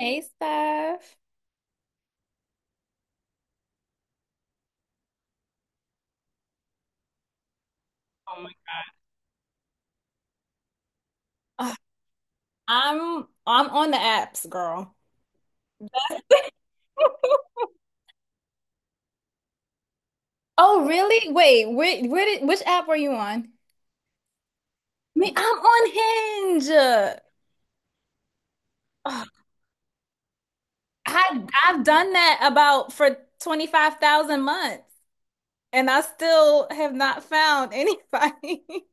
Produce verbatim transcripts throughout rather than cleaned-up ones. Hey, Steph. Oh my Ugh, I'm I'm on the apps, girl. Oh, really? Wait, where, where did, which app were you on? Me, I'm on Hinge. Ugh, I I've done that about for twenty-five thousand months and I still have not found anybody.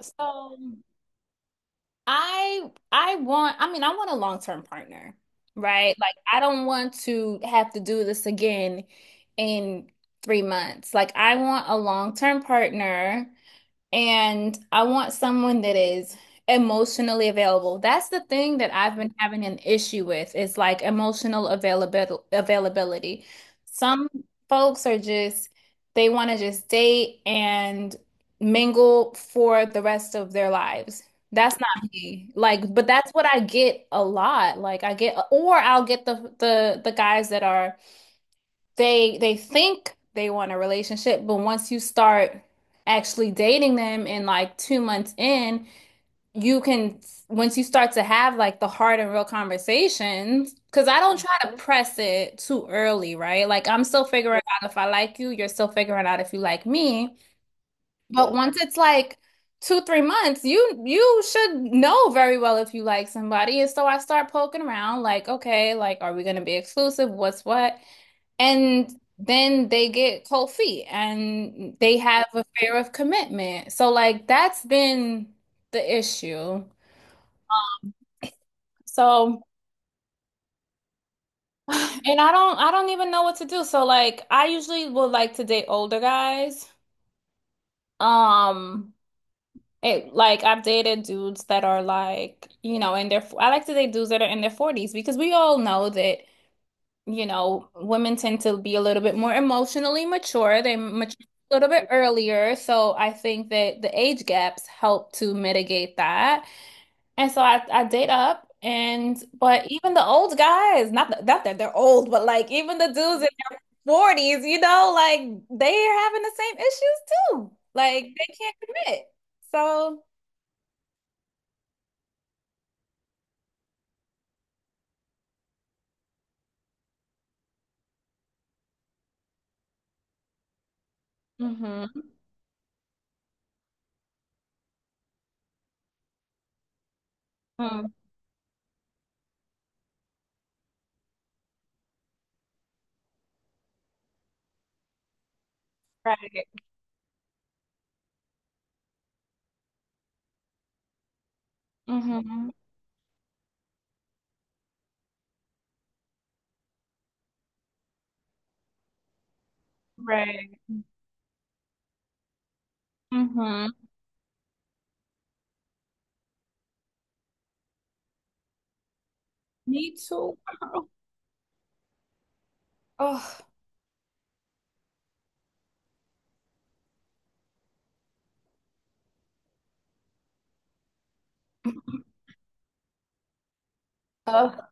So, So I I want I mean I want a long-term partner, right? Like I don't want to have to do this again in three months. Like I want a long-term partner and I want someone that is emotionally available. That's the thing that I've been having an issue with is like emotional availability availability. Some folks are just they want to just date and mingle for the rest of their lives. That's not me. Like, but that's what I get a lot. Like I get, or I'll get the the the guys that are they they think they want a relationship, but once you start actually dating them and like two months in, you can once you start to have like the hard and real conversations, because I don't try to press it too early, right? Like I'm still figuring out if I like you, you're still figuring out if you like me. But once it's like two, three months, you you should know very well if you like somebody. And so I start poking around, like, okay, like are we gonna be exclusive? What's what? And then they get cold feet and they have a fear of commitment. So like that's been the issue. So and I don't I don't even know what to do. So like I usually would like to date older guys. Um it like I've dated dudes that are like, you know, in their I like to date dudes that are in their forties because we all know that you know, women tend to be a little bit more emotionally mature. They mature a little bit earlier. So I think that the age gaps help to mitigate that. And so I, I date up. And but even the old guys, not that, not that they're old, but like even the dudes in their forties, you know, like they're having the same issues too. Like they can't commit. So, hmm. Mm, right. Mm-hmm. Right. Mm-hmm. Me too, girl. Ugh. Oh,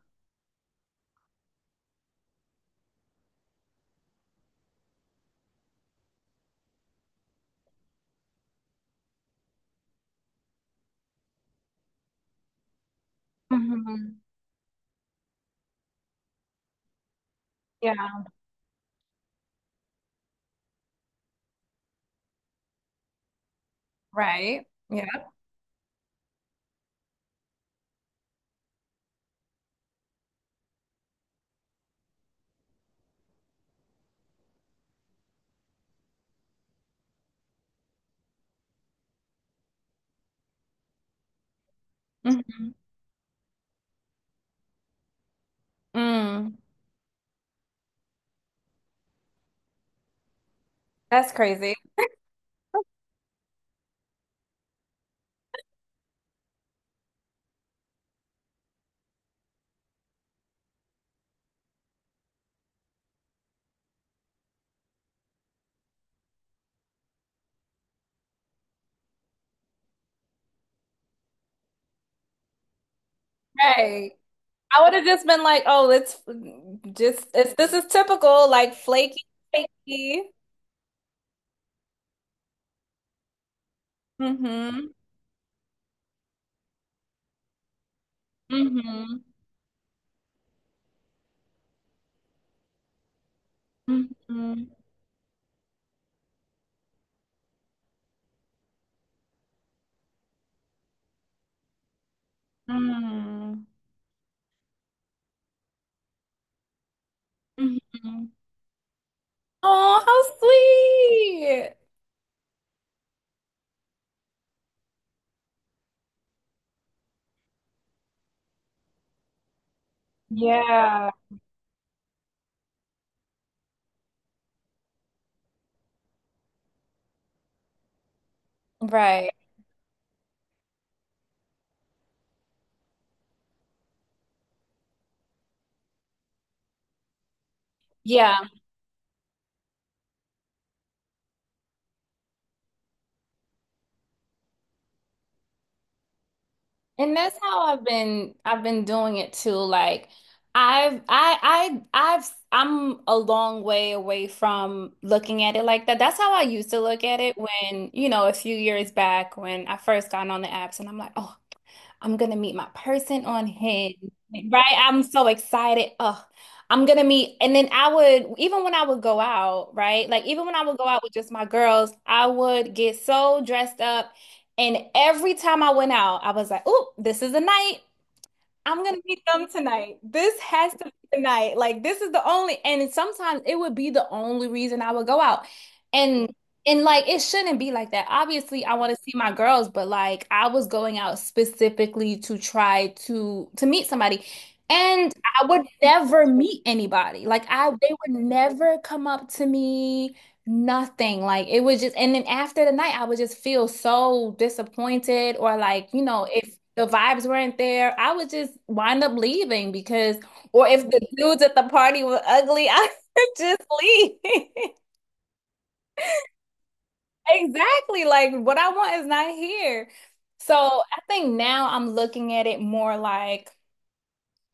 mhm. Yeah, right. Yeah. Mhm. Mm, that's crazy. Right. I would have just been like, oh, it's just it's this is typical, like flaky, flaky. Mm-hmm. Mm-hmm. Mm-hmm. Mm-hmm. Mm-hmm. Oh, how sweet. Yeah. Right. Yeah. And that's how I've been I've been doing it too. Like I've I I I've I'm a long way away from looking at it like that. That's how I used to look at it when, you know, a few years back when I first got on the apps and I'm like, oh, I'm gonna meet my person on Hinge, right? I'm so excited. Oh, I'm gonna meet, and then I would even when I would go out, right? Like even when I would go out with just my girls, I would get so dressed up and every time I went out, I was like, oh, this is the night. I'm gonna meet them tonight. This has to be tonight. Like this is the only and sometimes it would be the only reason I would go out. And and like it shouldn't be like that. Obviously, I want to see my girls, but like I was going out specifically to try to to meet somebody. And I would never meet anybody. Like I they would never come up to me, nothing. Like it was just and then after the night I would just feel so disappointed or like, you know, it the vibes weren't there, I would just wind up leaving because, or if the dudes at the party were ugly, I would just leave. Exactly. Like what I want is not here. So I think now I'm looking at it more like,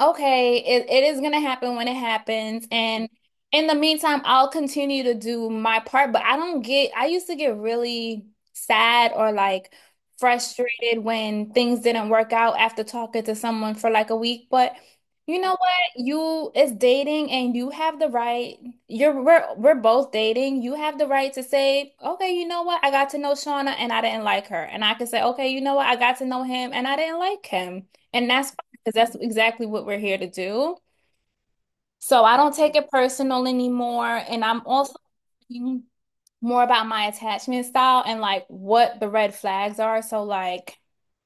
okay, it, it is gonna happen when it happens. And in the meantime, I'll continue to do my part, but I don't get, I used to get really sad or like frustrated when things didn't work out after talking to someone for like a week. But you know what? You, it's dating and you have the right, you're, we're, we're both dating. You have the right to say, okay, you know what? I got to know Shauna and I didn't like her. And I can say, okay, you know what? I got to know him and I didn't like him. And that's because that's exactly what we're here to do. So I don't take it personal anymore. And I'm also thinking more about my attachment style and like what the red flags are. So, like,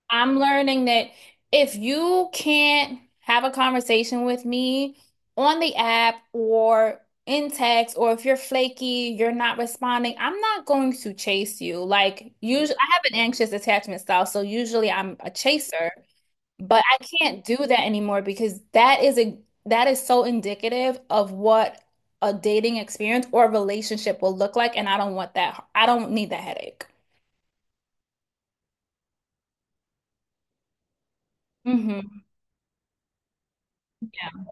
I'm learning that if you can't have a conversation with me on the app or in text, or if you're flaky, you're not responding, I'm not going to chase you. Like, usually, I have an anxious attachment style. So, usually, I'm a chaser. But I can't do that anymore because that is a that is so indicative of what a dating experience or relationship will look like, and I don't want that. I don't need that headache. Hmm. Yeah.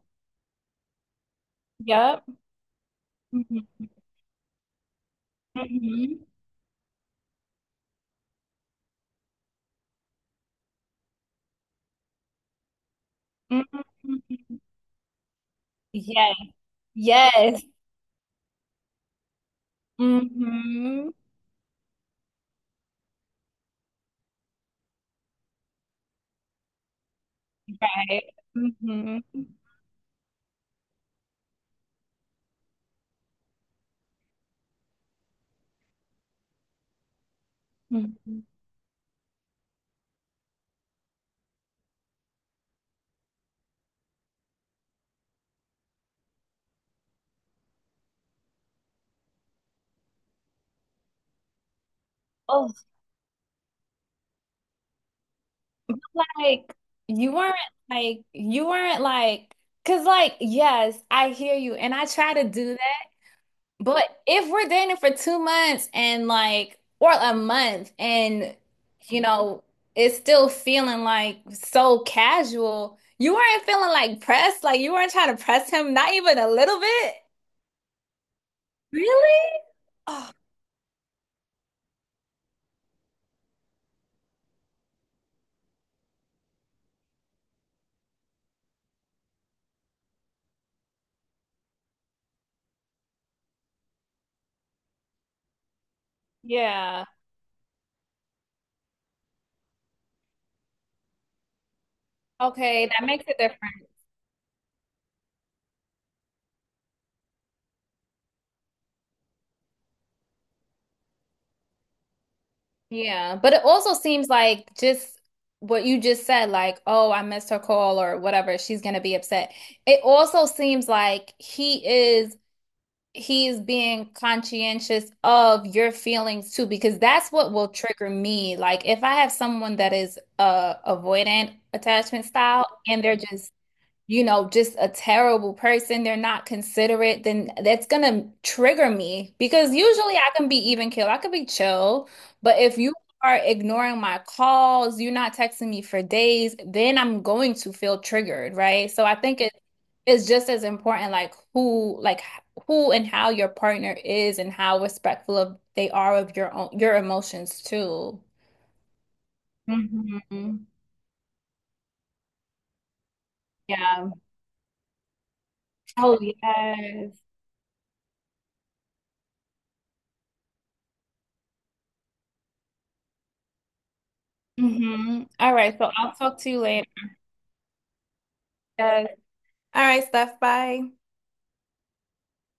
Yep. Hmm. Hmm. Hmm. Yes. Yes. Hmm. Right. Hmm. Hmm. Oh, like you weren't like you weren't like because like yes, I hear you, and I try to do that. But if we're dating for two months and like, or a month, and you know, it's still feeling like so casual, you weren't feeling like pressed, like you weren't trying to press him, not even a little bit. Really? Oh, yeah. Okay, that makes it different. Yeah. But it also seems like just what you just said, like, oh, I missed her call or whatever, she's gonna be upset. It also seems like he is. He's being conscientious of your feelings too, because that's what will trigger me. Like if I have someone that is uh avoidant attachment style and they're just you know, just a terrible person, they're not considerate, then that's gonna trigger me because usually I can be even keel, I could be chill. But if you are ignoring my calls, you're not texting me for days, then I'm going to feel triggered, right? So I think it it's just as important like who like who and how your partner is and how respectful of they are of your own your emotions too. Hmm. Yeah. Oh, yes. Mm-hmm. All right, so I'll talk to you later. Yes. All right, Steph, bye.